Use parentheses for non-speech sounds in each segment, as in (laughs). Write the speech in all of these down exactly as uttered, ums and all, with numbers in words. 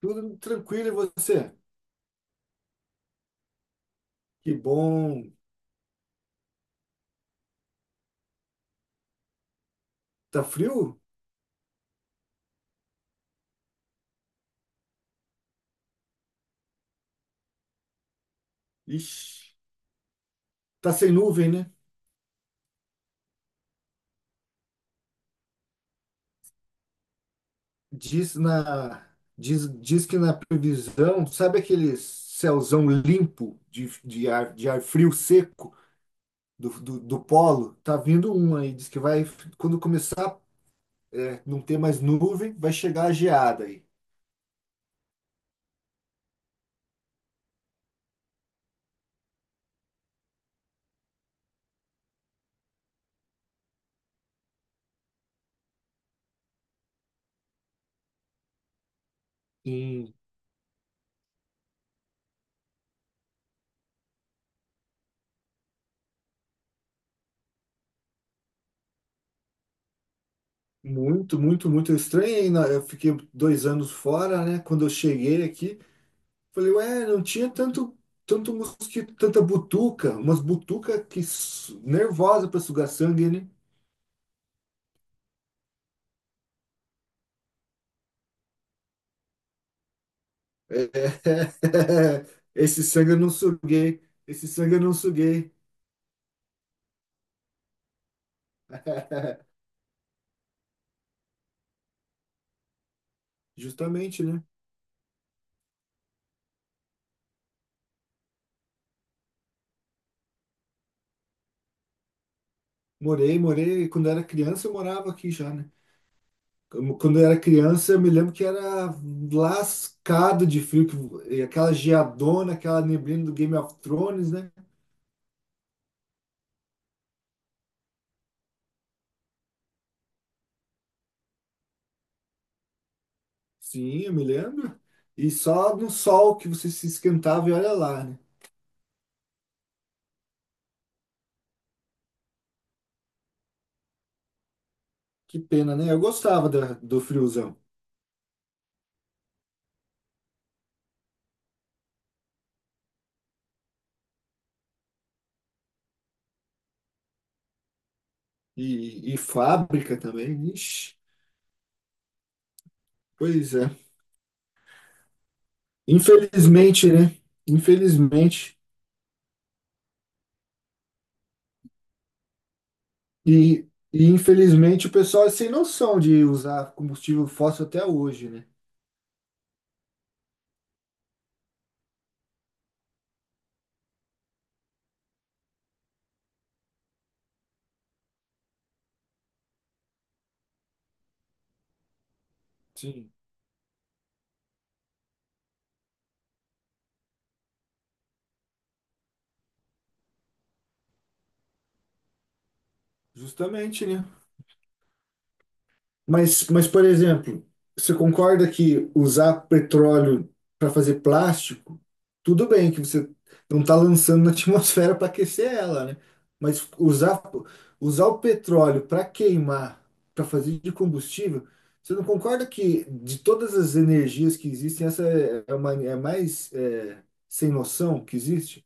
Tudo tranquilo, e você? Que bom. Tá frio? Ixi, tá sem nuvem, né? Diz na diz, diz que na previsão, sabe aquele céuzão limpo de, de ar, de ar frio seco do, do, do polo? Tá vindo um aí, diz que vai quando começar é, não ter mais nuvem, vai chegar a geada aí. Hum, muito, muito, muito estranho aí. Na- Eu fiquei dois anos fora, né? Quando eu cheguei aqui falei, ué, não tinha tanto, tanto mosquito, tanta butuca, umas butuca que su- nervosa para sugar sangue, né? É, (laughs) esse sangue eu não suguei, esse sangue eu não suguei. (laughs) Justamente, né? Morei, morei, quando eu era criança eu morava aqui já, né? Como- Quando eu era criança, eu me lembro que era lascado de frio, que- e aquela geadona, aquela neblina do Game of Thrones, né? Sim, eu me lembro. E só no sol que você se esquentava e olha lá, né? Que pena, né? Eu gostava da- do friozão. E, e fábrica também. Ixi, pois é. Infelizmente, né? Infelizmente. E, e infelizmente o pessoal é sem noção de usar combustível fóssil até hoje, né? Sim. Justamente, né? Mas, mas, por exemplo, você concorda que usar petróleo para fazer plástico, tudo bem que você não está lançando na (laughs) atmosfera para aquecer ela, né? Mas usar, usar o petróleo para queimar, para fazer de combustível, você não concorda que de todas as energias que existem, essa é a mani- é a mais é, sem noção que existe?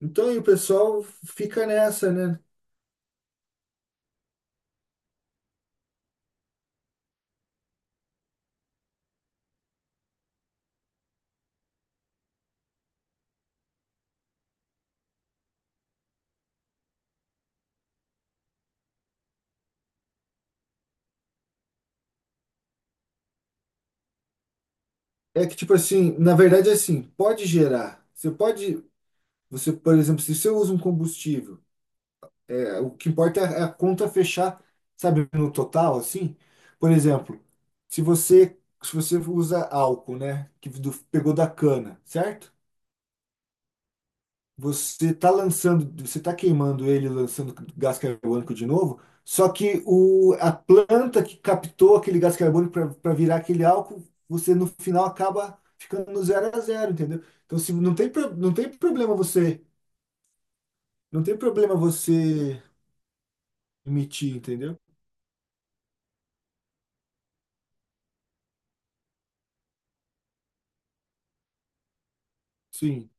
Então, e o pessoal fica nessa, né? É que, tipo assim, na verdade, é assim, pode gerar. Você pode. Você, por exemplo, se você usa um combustível, é, o que importa é a conta fechar, sabe, no total, assim. Por exemplo, se você se você usa álcool, né, que do- pegou da cana, certo? Você está lançando, você está queimando ele, lançando gás carbônico de novo, só que o, a planta que captou aquele gás carbônico para virar aquele álcool, você no final acaba ficando no zero a zero, entendeu? Então, se, não tem, pro- não tem problema você, não tem problema você emitir, entendeu? Sim.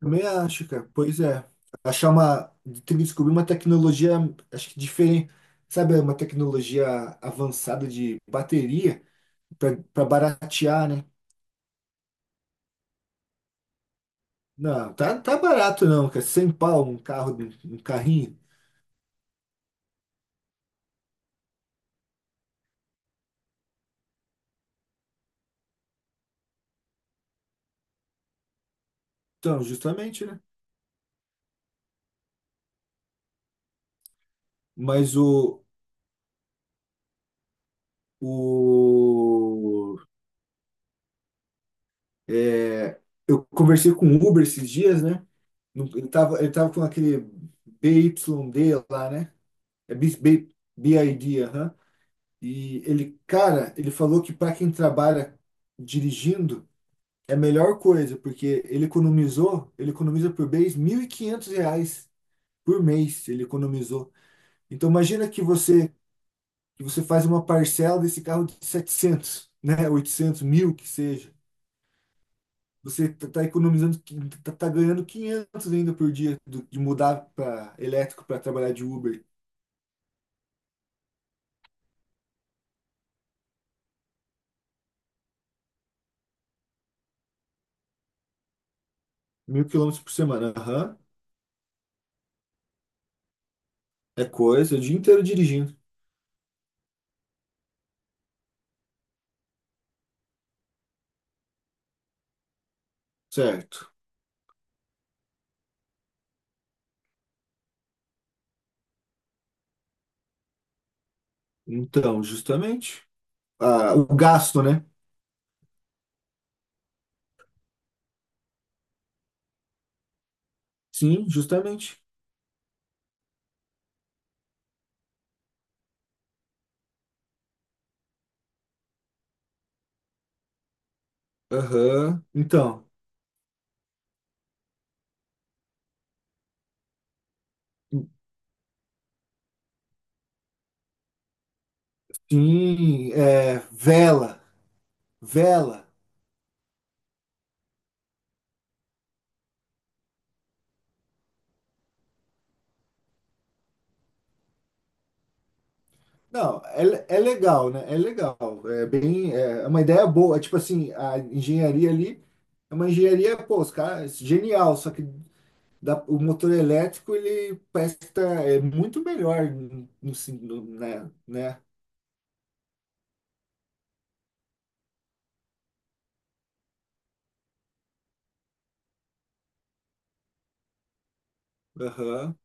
Também acho, cara. Pois é. Achar uma. Tem que descobrir uma tecnologia, acho que diferente. Sabe, uma tecnologia avançada de bateria para baratear, né? Não, tá, tá barato não, cara. Sem pau, um carro, um carrinho. Então, justamente, né? Mas o. o é, eu conversei com o Uber esses dias, né? Ele tava, ele tava com aquele B Y D lá, né? É Bis- B- BID, aham. E ele, cara, ele falou que para quem trabalha dirigindo é a melhor coisa, porque ele economizou, ele economiza por mês mil e quinhentos reais por mês, ele economizou. Então imagina que você que você faz uma parcela desse carro de setecentos, né, oitocentos, mil que seja. Você tá, tá economizando, qui- tá, tá ganhando quinhentos ainda por dia do- de mudar para elétrico para trabalhar de Uber. Mil quilômetros por semana, aham. É coisa, o dia inteiro dirigindo. Certo. Então, justamente. Ah, o gasto, né? Sim, justamente. Aham. Então, sim, é, vela. Vela. Não, é, é legal, né? É legal. É bem, é uma ideia boa. É. Tipo assim, a engenharia ali é uma engenharia, pô, os caras, genial. Só que dá- o motor elétrico, ele presta, é muito melhor, no, no, no- né? Né? Aham.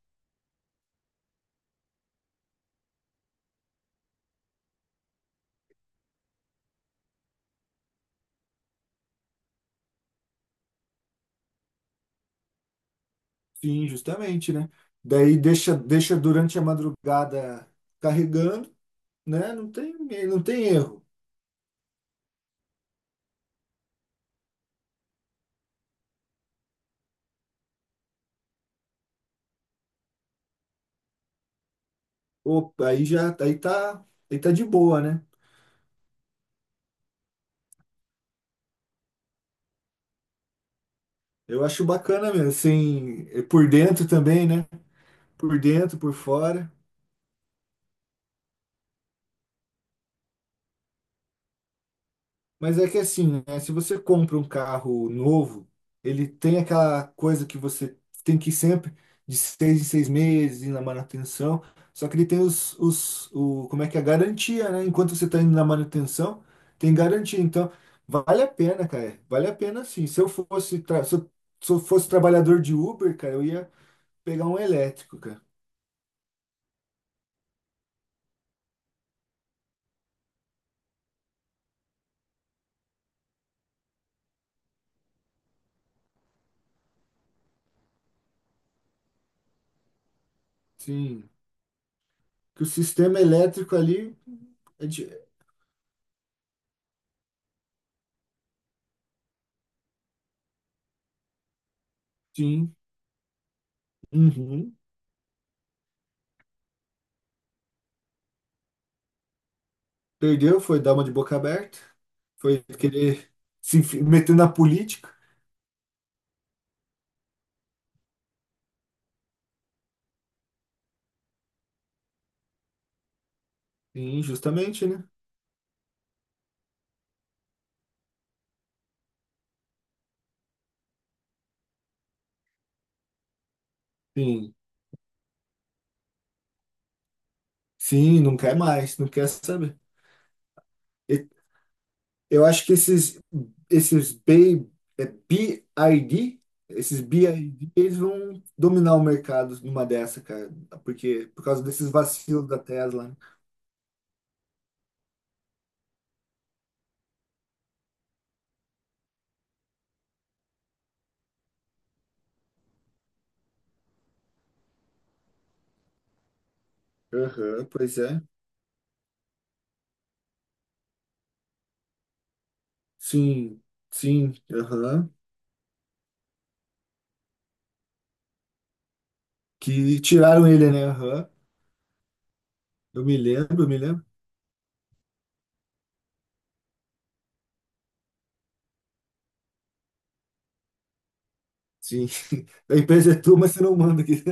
Sim, justamente, né? Daí deixa, deixa durante a madrugada carregando, né? Não tem, não tem erro. Opa, aí já, aí tá, aí tá de boa, né? Eu acho bacana mesmo, assim, é por dentro também, né? Por dentro, por fora. Mas é que assim, né, se você compra um carro novo, ele tem aquela coisa que você tem que ir sempre de seis em seis meses ir na manutenção. Só que ele tem os, os o, como é que é, a garantia, né? Enquanto você está indo na manutenção, tem garantia. Então, vale a pena, cara. Vale a pena sim. Se eu fosse, tra- se eu, se eu fosse trabalhador de Uber, cara, eu ia pegar um elétrico, cara. Sim. Que o sistema elétrico ali é de- Sim. Uhum. Perdeu, foi dar uma de boca aberta. Foi querer se enfi- meter na política. Sim, justamente, né? Sim, sim, não quer mais, não quer saber. E- Eu acho que esses, esses B, é B I D, esses B I D, eles vão dominar o mercado numa dessa, cara, porque por causa desses vacilos da Tesla, né? Aham, pois é. Sim, sim, aham. Que tiraram ele, né? Aham. Eu me lembro, eu me lembro. Sim. (laughs) A empresa é tua, mas você não manda aqui.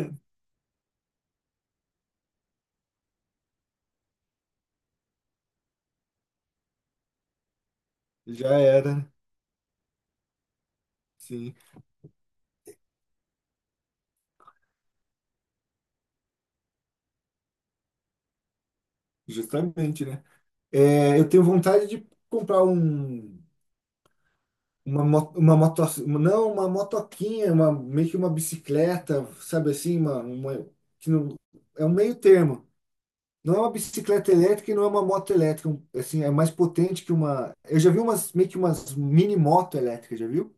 (laughs) Já era, né? Sim, justamente, né? É, eu tenho vontade de comprar um, uma, mo- uma moto, não, uma motoquinha, uma, meio que uma bicicleta, sabe assim, uma, uma- que não, é um meio termo. Não é uma bicicleta elétrica e não é uma moto elétrica, um, assim, é mais potente que uma. Eu já vi umas, meio que umas mini moto elétrica, já viu?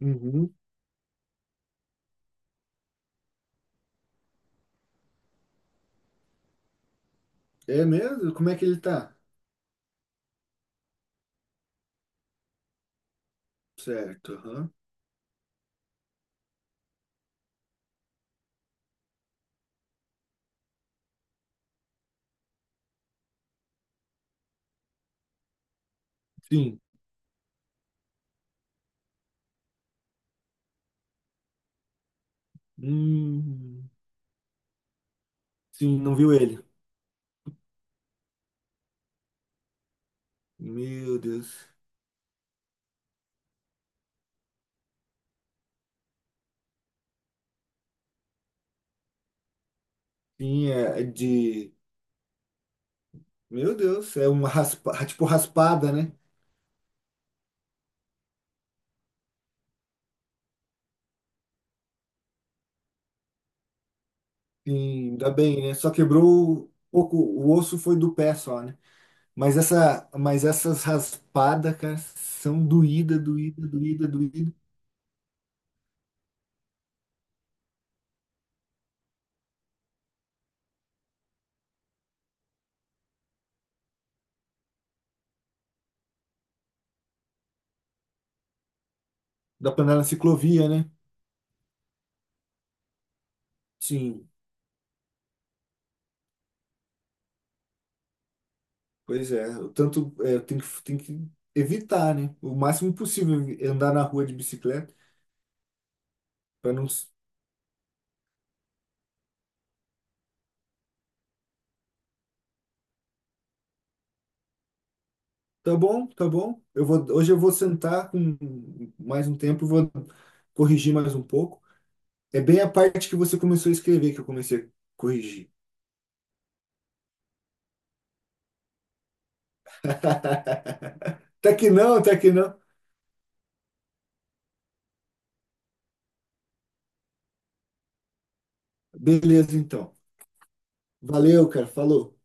Uhum. É mesmo? Como é que ele tá? Certo, aham. Sim. Hum, sim, não viu ele. Meu Deus. Sim, é é de. Meu Deus, é uma raspa, (laughs) tipo raspada, né? Sim, ainda bem, né? Só quebrou o- pouco, o osso foi do pé só, né? Mas essa, mas essas raspadas, cara, são doída, doída, doída, doída. Dá pra andar na ciclovia, né? Sim, pois é. O tanto é, tem que, tem que evitar, né? O máximo possível andar na rua de bicicleta para não. s- Tá bom, tá bom. Eu vou, hoje eu vou sentar com mais um tempo, vou corrigir mais um pouco. É bem a parte que você começou a escrever que eu comecei a corrigir. (laughs) Tá que não, tá que não. Beleza, então. Valeu, cara. Falou.